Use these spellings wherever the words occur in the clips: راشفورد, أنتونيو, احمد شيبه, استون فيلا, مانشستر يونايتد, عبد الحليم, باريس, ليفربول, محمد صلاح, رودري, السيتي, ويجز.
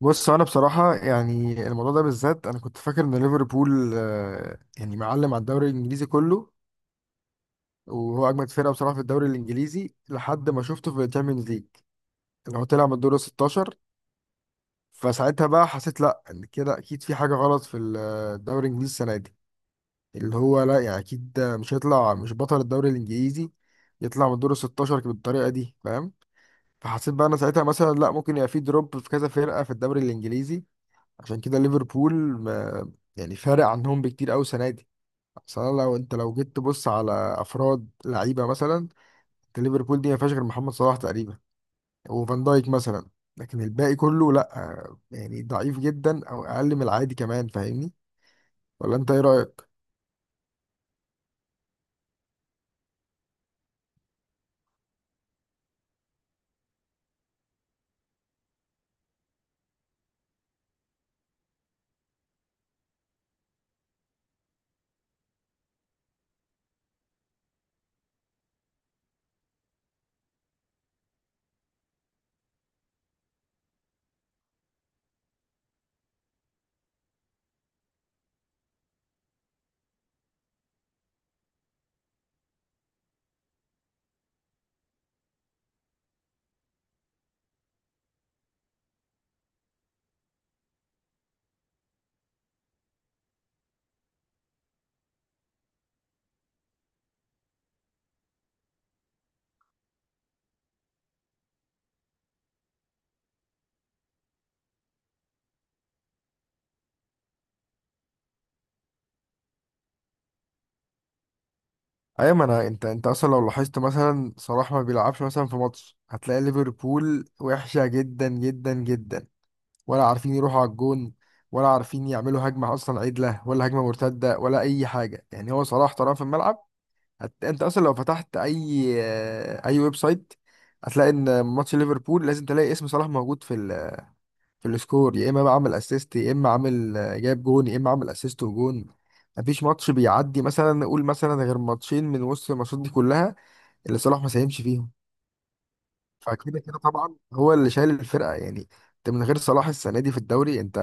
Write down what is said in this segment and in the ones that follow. بص انا بصراحه يعني الموضوع ده بالذات انا كنت فاكر ان ليفربول يعني معلم على الدوري الانجليزي كله، وهو اجمد فرقه بصراحه في الدوري الانجليزي لحد ما شفته في الشامبيونز ليج اللي هو طلع من الدور ال 16. فساعتها بقى حسيت لا إن كده اكيد في حاجه غلط في الدوري الانجليزي السنه دي، اللي هو لا يعني اكيد ده مش هيطلع مش بطل الدوري الانجليزي، يطلع من الدور ال 16 بالطريقه دي فاهم؟ فحسيت بقى انا ساعتها مثلا لا، ممكن يبقى في دروب في كذا فرقه في الدوري الانجليزي، عشان كده ليفربول ما يعني فارق عنهم بكتير قوي السنه دي. اصل أنا لو انت لو جيت تبص على افراد لعيبه مثلا، انت ليفربول دي ما فيهاش غير محمد صلاح تقريبا وفان دايك مثلا، لكن الباقي كله لا، يعني ضعيف جدا او اقل من العادي كمان فاهمني؟ ولا انت ايه رايك؟ ايوه، ما انا انت اصلا لو لاحظت مثلا صلاح ما بيلعبش مثلا في ماتش، هتلاقي ليفربول وحشه جدا جدا جدا، ولا عارفين يروحوا على الجون ولا عارفين يعملوا هجمة أصلا عدلة ولا هجمة مرتدة ولا أي حاجة، يعني هو صلاح طالما في الملعب. أنت أصلا لو فتحت أي ويب سايت هتلاقي إن ماتش ليفربول لازم تلاقي اسم صلاح موجود في السكور، يا إما بقى عامل أسيست، يا إما عامل جاب جون، يا إما عامل أسيست وجون. مفيش ماتش بيعدي مثلا، نقول مثلا غير ماتشين من وسط الماتشات دي كلها اللي صلاح ما ساهمش فيهم. فكده كده طبعا هو اللي شايل الفرقه يعني، انت من غير صلاح السنه دي في الدوري انت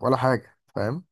ولا حاجه فاهم؟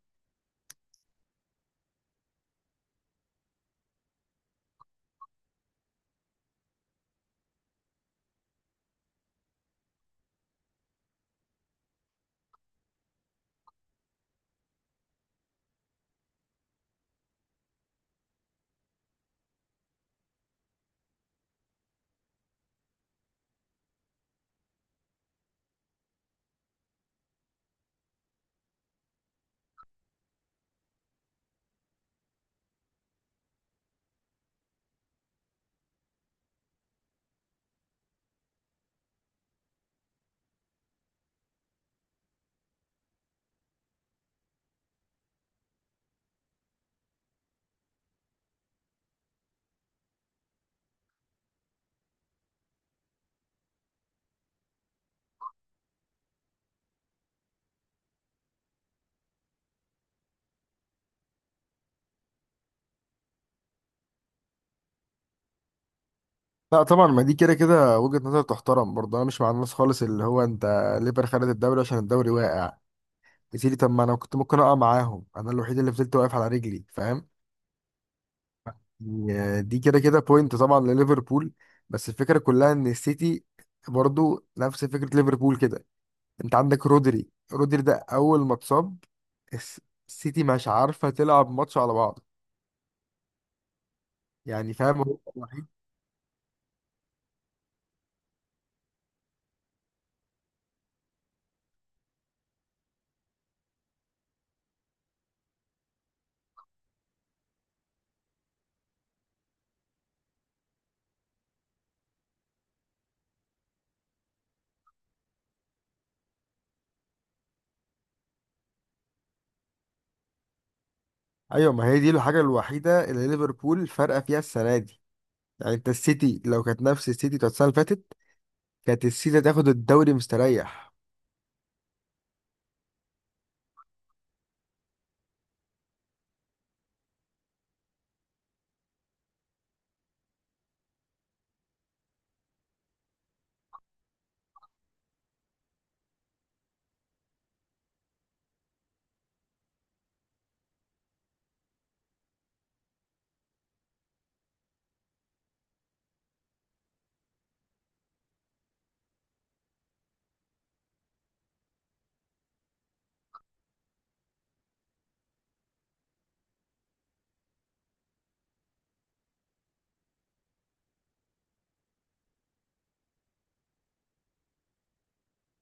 لا طبعا، ما دي كده كده وجهه نظر تحترم برضه، انا مش مع الناس خالص اللي هو انت ليفر خدت الدوري عشان الدوري واقع. يا سيدي، طب ما انا كنت ممكن اقع معاهم، انا الوحيد اللي فضلت واقف على رجلي فاهم؟ يعني دي كده كده بوينت طبعا لليفربول. بس الفكره كلها ان السيتي برضه نفس فكره ليفربول كده، انت عندك رودري. رودري ده اول ما اتصاب الس- السيتي مش عارفه تلعب ماتش على بعض، يعني فاهم؟ هو الوحيد. ايوه، ما هي دي الحاجه الوحيده اللي ليفربول فارقه فيها السنه دي، يعني انت السيتي لو كانت نفس السيتي بتاعت السنه اللي فاتت كانت السيتي تاخد الدوري مستريح.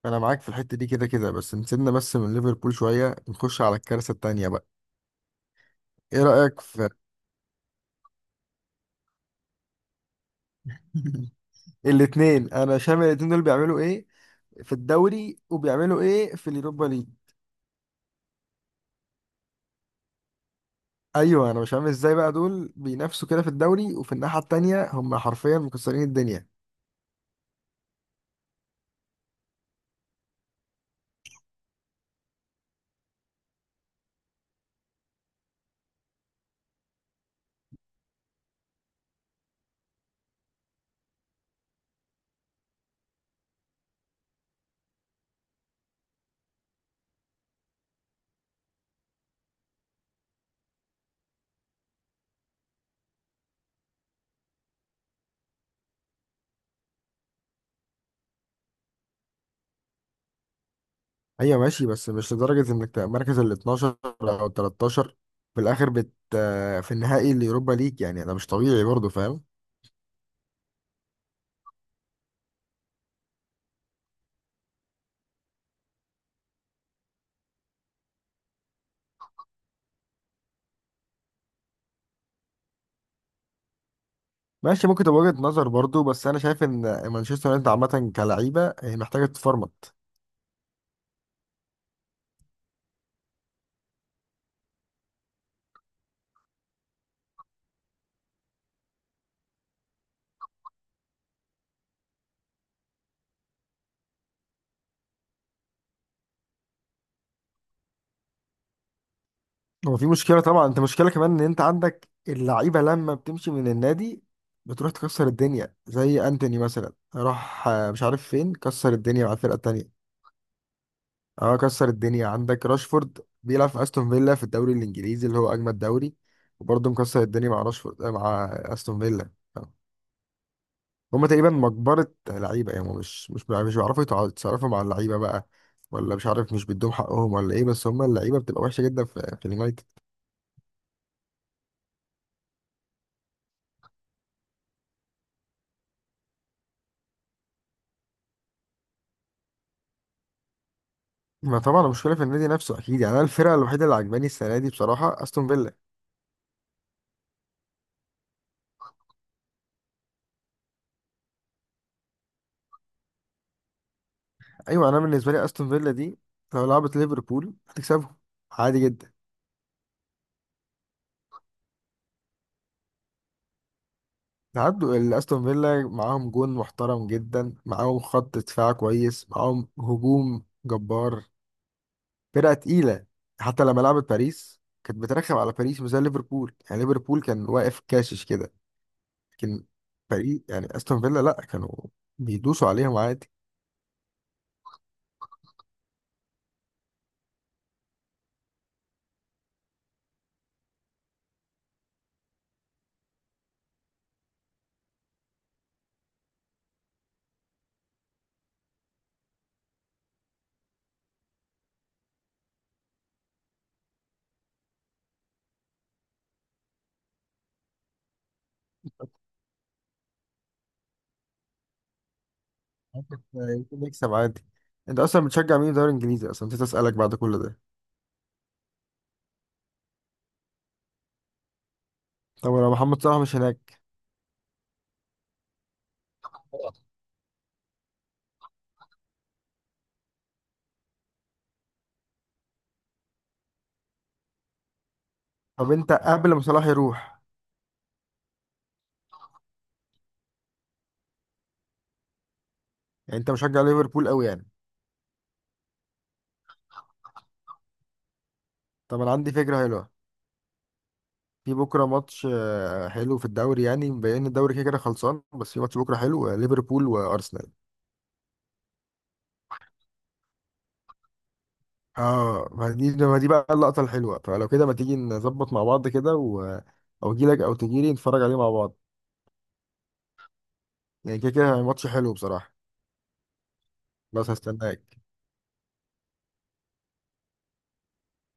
انا معاك في الحته دي كده كده، بس نسيبنا بس من ليفربول شويه نخش على الكارثه التانيه بقى. ايه رايك في الاتنين؟ انا شامل الاتنين دول، بيعملوا ايه في الدوري وبيعملوا ايه في اليوروبا ليج؟ ايوه، انا مش فاهم ازاي بقى دول بينافسوا كده في الدوري، وفي الناحيه التانيه هم حرفيا مكسرين الدنيا. ايوه ماشي، بس مش لدرجة انك تبقى مركز ال 12 او ال 13 في الاخر بت آه، في النهائي اليوروبا ليج، يعني ده مش طبيعي برضه فاهم؟ ماشي، ممكن تبقى وجهة نظر برضه، بس انا شايف ان مانشستر يونايتد عامة كلعيبة هي محتاجة تتفرمط. هو في مشكلة طبعا، انت مشكلة كمان ان انت عندك اللعيبة لما بتمشي من النادي بتروح تكسر الدنيا، زي انتوني مثلا راح مش عارف فين كسر الدنيا مع الفرقة التانية. اه، كسر الدنيا، عندك راشفورد بيلعب في استون فيلا في الدوري الانجليزي اللي هو اجمد دوري، وبرضه مكسر الدنيا مع راشفورد مع استون فيلا. آه. هما تقريبا مجبرة لعيبة، يعني هما مش بيعرفوا يتصرفوا مع اللعيبة بقى، ولا مش عارف مش بيدوهم حقهم ولا ايه، بس هما اللعيبة بتبقى وحشة جدا في اليونايتد. ما طبعا المشكلة في النادي نفسه اكيد، يعني انا الفرقة الوحيدة اللي عجباني السنة دي بصراحة استون فيلا. ايوه، انا بالنسبة لي استون فيلا دي لو لعبت ليفربول هتكسبهم عادي جدا. عدوا الاستون فيلا، معاهم جون محترم جدا، معاهم خط دفاع كويس، معاهم هجوم جبار، فرقة تقيلة. حتى لما لعبت باريس كانت بترخم على باريس مش زي ليفربول، يعني ليفربول كان واقف كاشش كده، لكن باريس، يعني استون فيلا لا، كانوا بيدوسوا عليهم عادي. يمكن نكسب عادي. انت اصلا بتشجع مين في الدوري الانجليزي اصلا؟ نسيت اسالك بعد كل ده. طب لو محمد صلاح مش هناك؟ طب انت قبل ما صلاح يروح؟ يعني انت مشجع ليفربول قوي يعني؟ طب انا عندي فكرة حلوة. في بكره ماتش حلو في الدوري، يعني مبين إن الدوري كده كده خلصان، بس في ماتش بكره حلو ليفربول وارسنال. اه، ما دي بقى اللقطه الحلوه، فلو كده ما تيجي نظبط مع بعض كده او اجي لك او تجي لي نتفرج عليه مع بعض. يعني كده كده ماتش حلو بصراحه، بس هستناك.